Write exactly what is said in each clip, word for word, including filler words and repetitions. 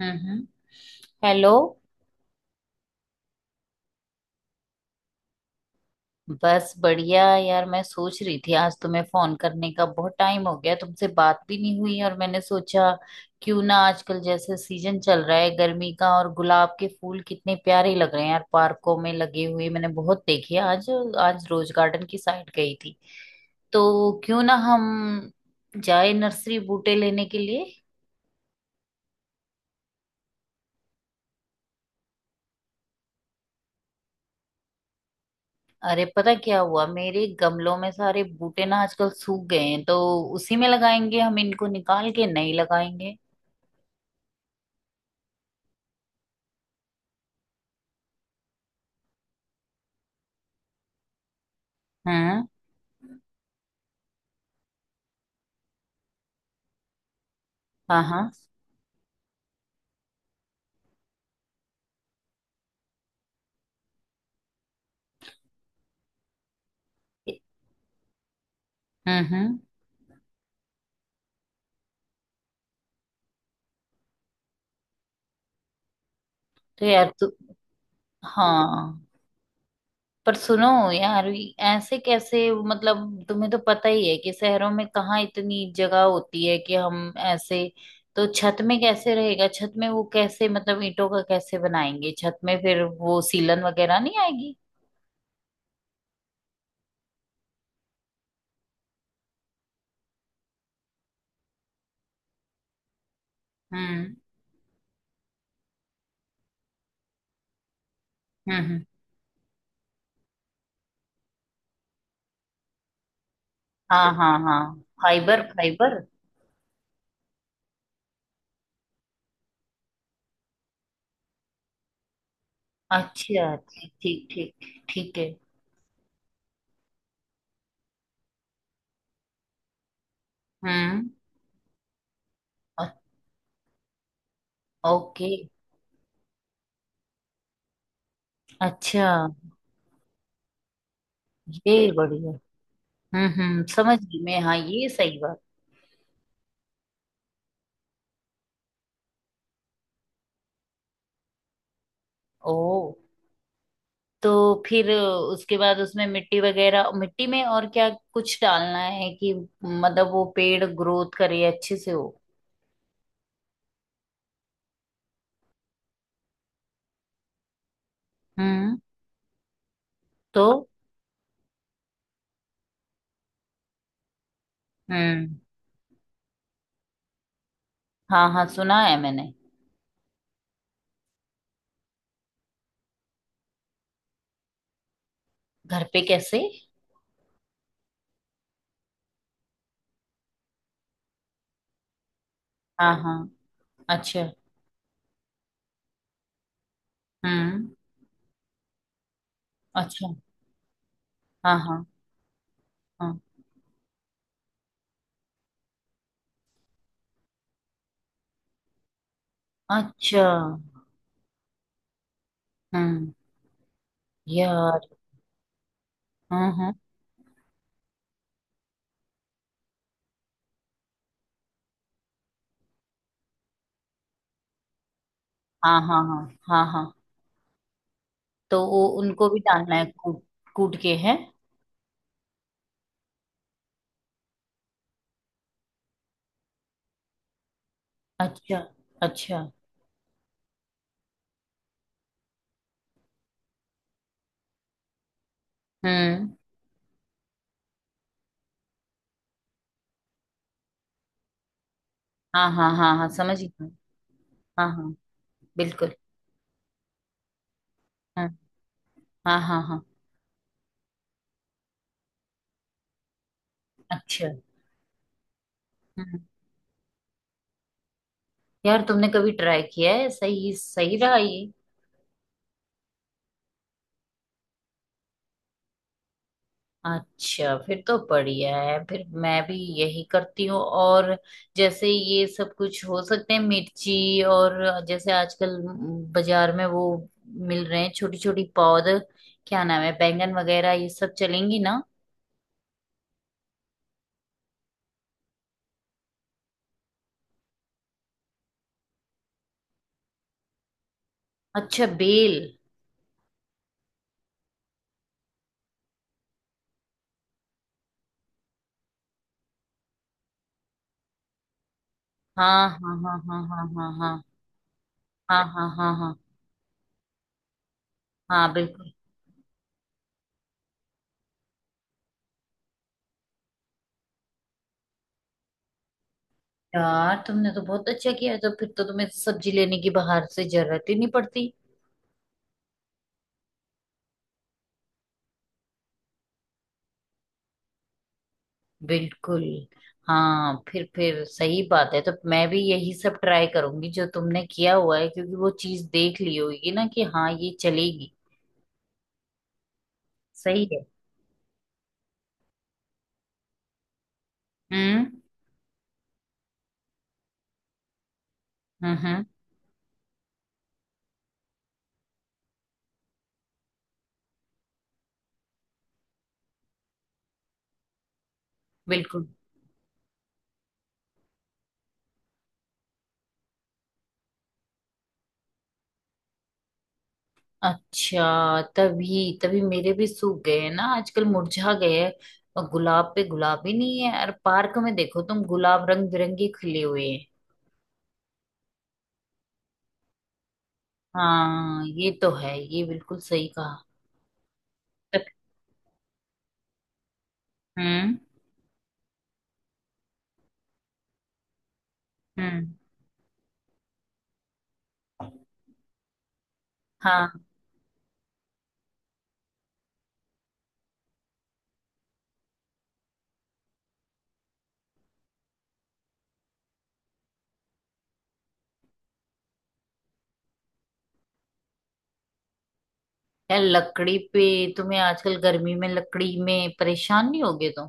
हम्म। Hello. बस बढ़िया यार, मैं सोच रही थी आज तुम्हें फोन करने का बहुत टाइम हो गया, तुमसे बात भी नहीं हुई और मैंने सोचा क्यों ना। आजकल जैसे सीजन चल रहा है गर्मी का और गुलाब के फूल कितने प्यारे लग रहे हैं यार, पार्कों में लगे हुए मैंने बहुत देखे आज। आज रोज गार्डन की साइड गई थी, तो क्यों ना हम जाए नर्सरी बूटे लेने के लिए। अरे पता क्या हुआ, मेरे गमलों में सारे बूटे ना आजकल सूख गए हैं, तो उसी में लगाएंगे हम, इनको निकाल के नहीं लगाएंगे। हम्म। हाँ हाँ। हम्म हम्म। तो यार तू। हाँ। पर सुनो यार, ये ऐसे कैसे, मतलब तुम्हें तो पता ही है कि शहरों में कहाँ इतनी जगह होती है कि हम ऐसे। तो छत में कैसे रहेगा, छत में वो कैसे, मतलब ईंटों का कैसे बनाएंगे छत में, फिर वो सीलन वगैरह नहीं आएगी? हम्म हम्म हम्म। हाँ हाँ हाँ। Fibre fibre. अच्छा ठीक ठीक ठीक। ठीक है। हम्म। अ- ओके। अच्छा। ये बढ़िया। हम्म हम्म, समझ गई मैं, हाँ ये सही बात। ओ, तो फिर उसके बाद उसमें मिट्टी वगैरह, मिट्टी में और क्या कुछ डालना है कि मतलब वो पेड़ ग्रोथ करे अच्छे से हो। हम्म। तो। हम्म। हाँ हाँ सुना है मैंने। घर पे कैसे? हाँ हाँ। अच्छा। हम्म। अच्छा। हाँ हाँ हाँ। अच्छा। हम्म। यार। हाँ हाँ हाँ हाँ हाँ हाँ हाँ। तो वो उनको भी डालना है कूट? कूट के है? अच्छा। अच्छा। हम्म। हाँ हाँ हाँ हाँ समझ गई। हाँ हाँ बिल्कुल। हाँ हाँ हाँ हाँ। अच्छा। हम्म। यार तुमने कभी ट्राई किया है, सही सही रहा ये? अच्छा फिर तो बढ़िया है, फिर मैं भी यही करती हूँ। और जैसे ये सब कुछ हो सकते हैं, मिर्ची और जैसे आजकल बाजार में वो मिल रहे हैं, छोटी छोटी पौध, क्या नाम है बैंगन वगैरह, ये सब चलेंगी ना? अच्छा बेल। हाँ हाँ हाँ हाँ हाँ हाँ हाँ हाँ हाँ हाँ हाँ हाँ। बिल्कुल। यार तुमने तो बहुत अच्छा किया है, तो फिर तो तुम्हें सब्जी लेने की बाहर से जरूरत ही नहीं पड़ती। बिल्कुल। हाँ, फिर फिर सही बात है। तो मैं भी यही सब ट्राई करूंगी जो तुमने किया हुआ है, क्योंकि वो चीज देख ली होगी ना कि हाँ ये चलेगी। सही है। हम्म हम्म हम्म। बिल्कुल। अच्छा, तभी तभी मेरे भी सूख गए हैं ना आजकल, मुरझा गए हैं। और गुलाब पे गुलाब ही नहीं है, और पार्क में देखो तुम गुलाब रंग बिरंगे खिले हुए हैं। हाँ ये तो है, ये बिल्कुल सही कहा। तब- हम्म हम्म। हाँ, यार लकड़ी पे? तुम्हें आजकल गर्मी में लकड़ी में परेशान नहीं होगे तो?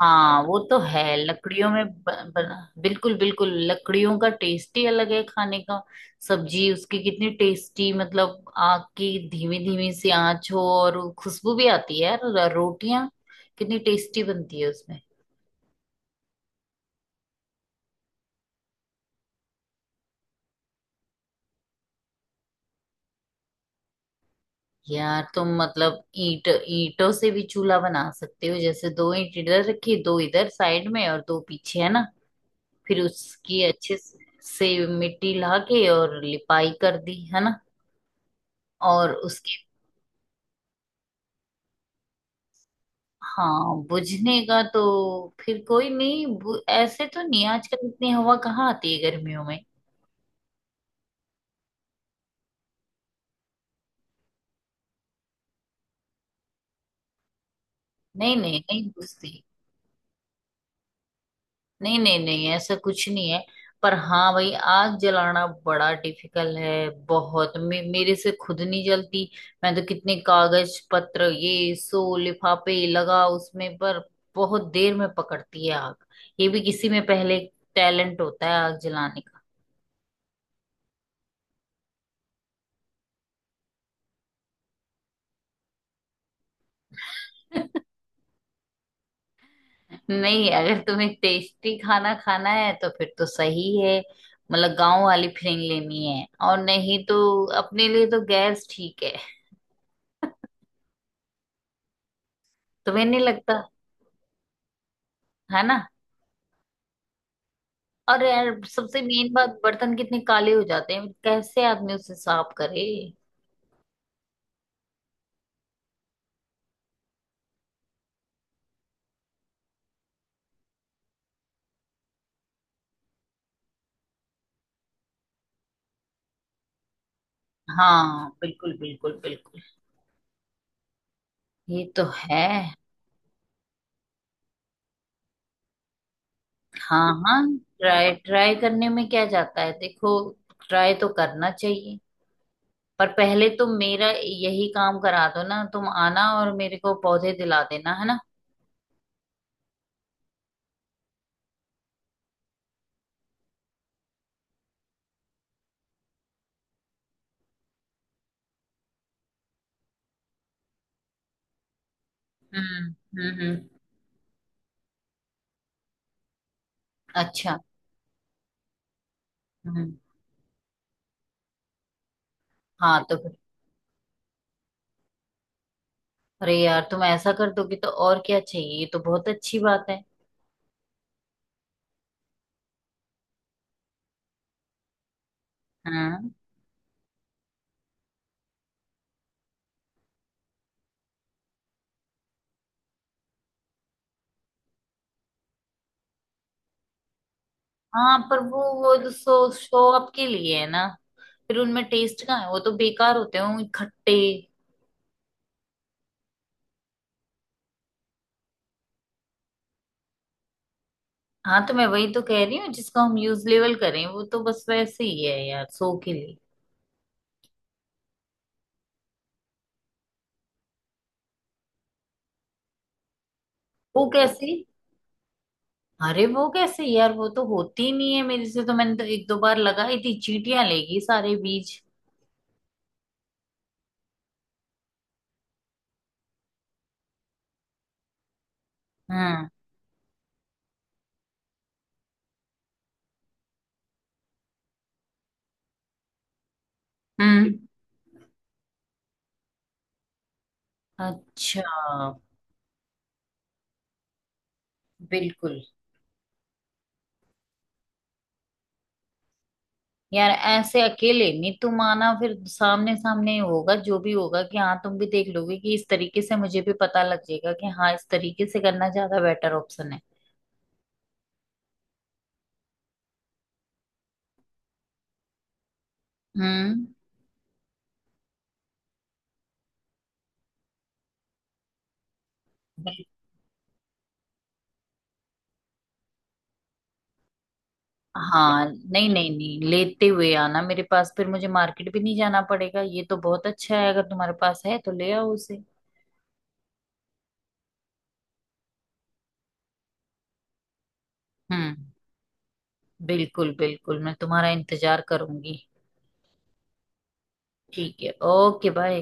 हाँ वो तो है, लकड़ियों में ब, बना, बिल्कुल बिल्कुल लकड़ियों का टेस्ट ही अलग है खाने का। सब्जी उसकी कितनी टेस्टी, मतलब आग की धीमी धीमी सी आंच हो और खुशबू भी आती है यार, रोटियां कितनी टेस्टी बनती है उसमें। यार तुम मतलब ईंट ईंटों से भी चूल्हा बना सकते हो, जैसे दो ईंट इधर रखी, दो इधर साइड में और दो पीछे, है ना? फिर उसकी अच्छे से से मिट्टी ला के और लिपाई कर दी, है ना? और उसके। हाँ बुझने का तो। फिर कोई नहीं, बु- ऐसे तो नहीं, आजकल इतनी हवा कहाँ आती है गर्मियों में। नहीं नहीं नहीं बुझती। नहीं नहीं नहीं, ऐसा कुछ नहीं है। पर हाँ भाई, आग जलाना बड़ा डिफिकल्ट है, बहुत मे, मेरे से खुद नहीं जलती। मैं तो कितने कागज पत्र ये सो लिफाफे लगा उसमें, पर बहुत देर में पकड़ती है आग। ये भी किसी में पहले टैलेंट होता है आग जलाने का। नहीं, अगर तुम्हें टेस्टी खाना खाना है तो फिर तो सही है, मतलब गांव वाली फीलिंग लेनी है। और नहीं तो अपने लिए तो गैस ठीक है। तुम्हें नहीं लगता, है ना? और यार सबसे मेन बात, बर्तन कितने काले हो जाते हैं, कैसे आदमी उसे साफ करे। हाँ बिल्कुल बिल्कुल बिल्कुल, ये तो है। हाँ हाँ। ट्राई ट्राई करने में क्या जाता है, देखो ट्राई तो करना चाहिए। पर पहले तुम मेरा यही काम करा दो ना, तुम आना और मेरे को पौधे दिला देना, है ना? हम्म हम्म हम्म। अच्छा। हम्म। हाँ तो फिर। अरे यार तुम ऐसा कर दोगे तो और क्या चाहिए, ये तो बहुत अच्छी बात है। हाँ हाँ। पर वो वो सो शो अप के लिए है ना, फिर उनमें टेस्ट कहाँ है, वो तो बेकार होते हैं खट्टे। हाँ तो मैं वही तो कह रही हूँ, जिसका हम यूज लेवल करें, वो तो बस वैसे ही है यार सो के लिए। वो कैसे? अरे वो कैसे यार, वो तो होती ही नहीं है मेरे से। तो मैंने तो एक दो बार लगाई थी, चींटियां लेगी सारे बीज। हम्म हम्म। अच्छा। बिल्कुल। यार ऐसे अकेले नहीं, तुम आना फिर सामने सामने ही होगा, जो भी होगा कि हाँ तुम भी देख लोगे कि इस तरीके से, मुझे भी पता लग जाएगा कि हाँ इस तरीके से करना ज्यादा बेटर ऑप्शन है। हम्म। बिल- हाँ, नहीं नहीं नहीं, लेते हुए आना मेरे पास, फिर मुझे मार्केट भी नहीं जाना पड़ेगा, ये तो बहुत अच्छा है, अगर तुम्हारे पास है तो ले आओ उसे। हम्म। बिल्कुल बिल्कुल, मैं तुम्हारा इंतजार करूंगी। ठीक है, ओके, बाय।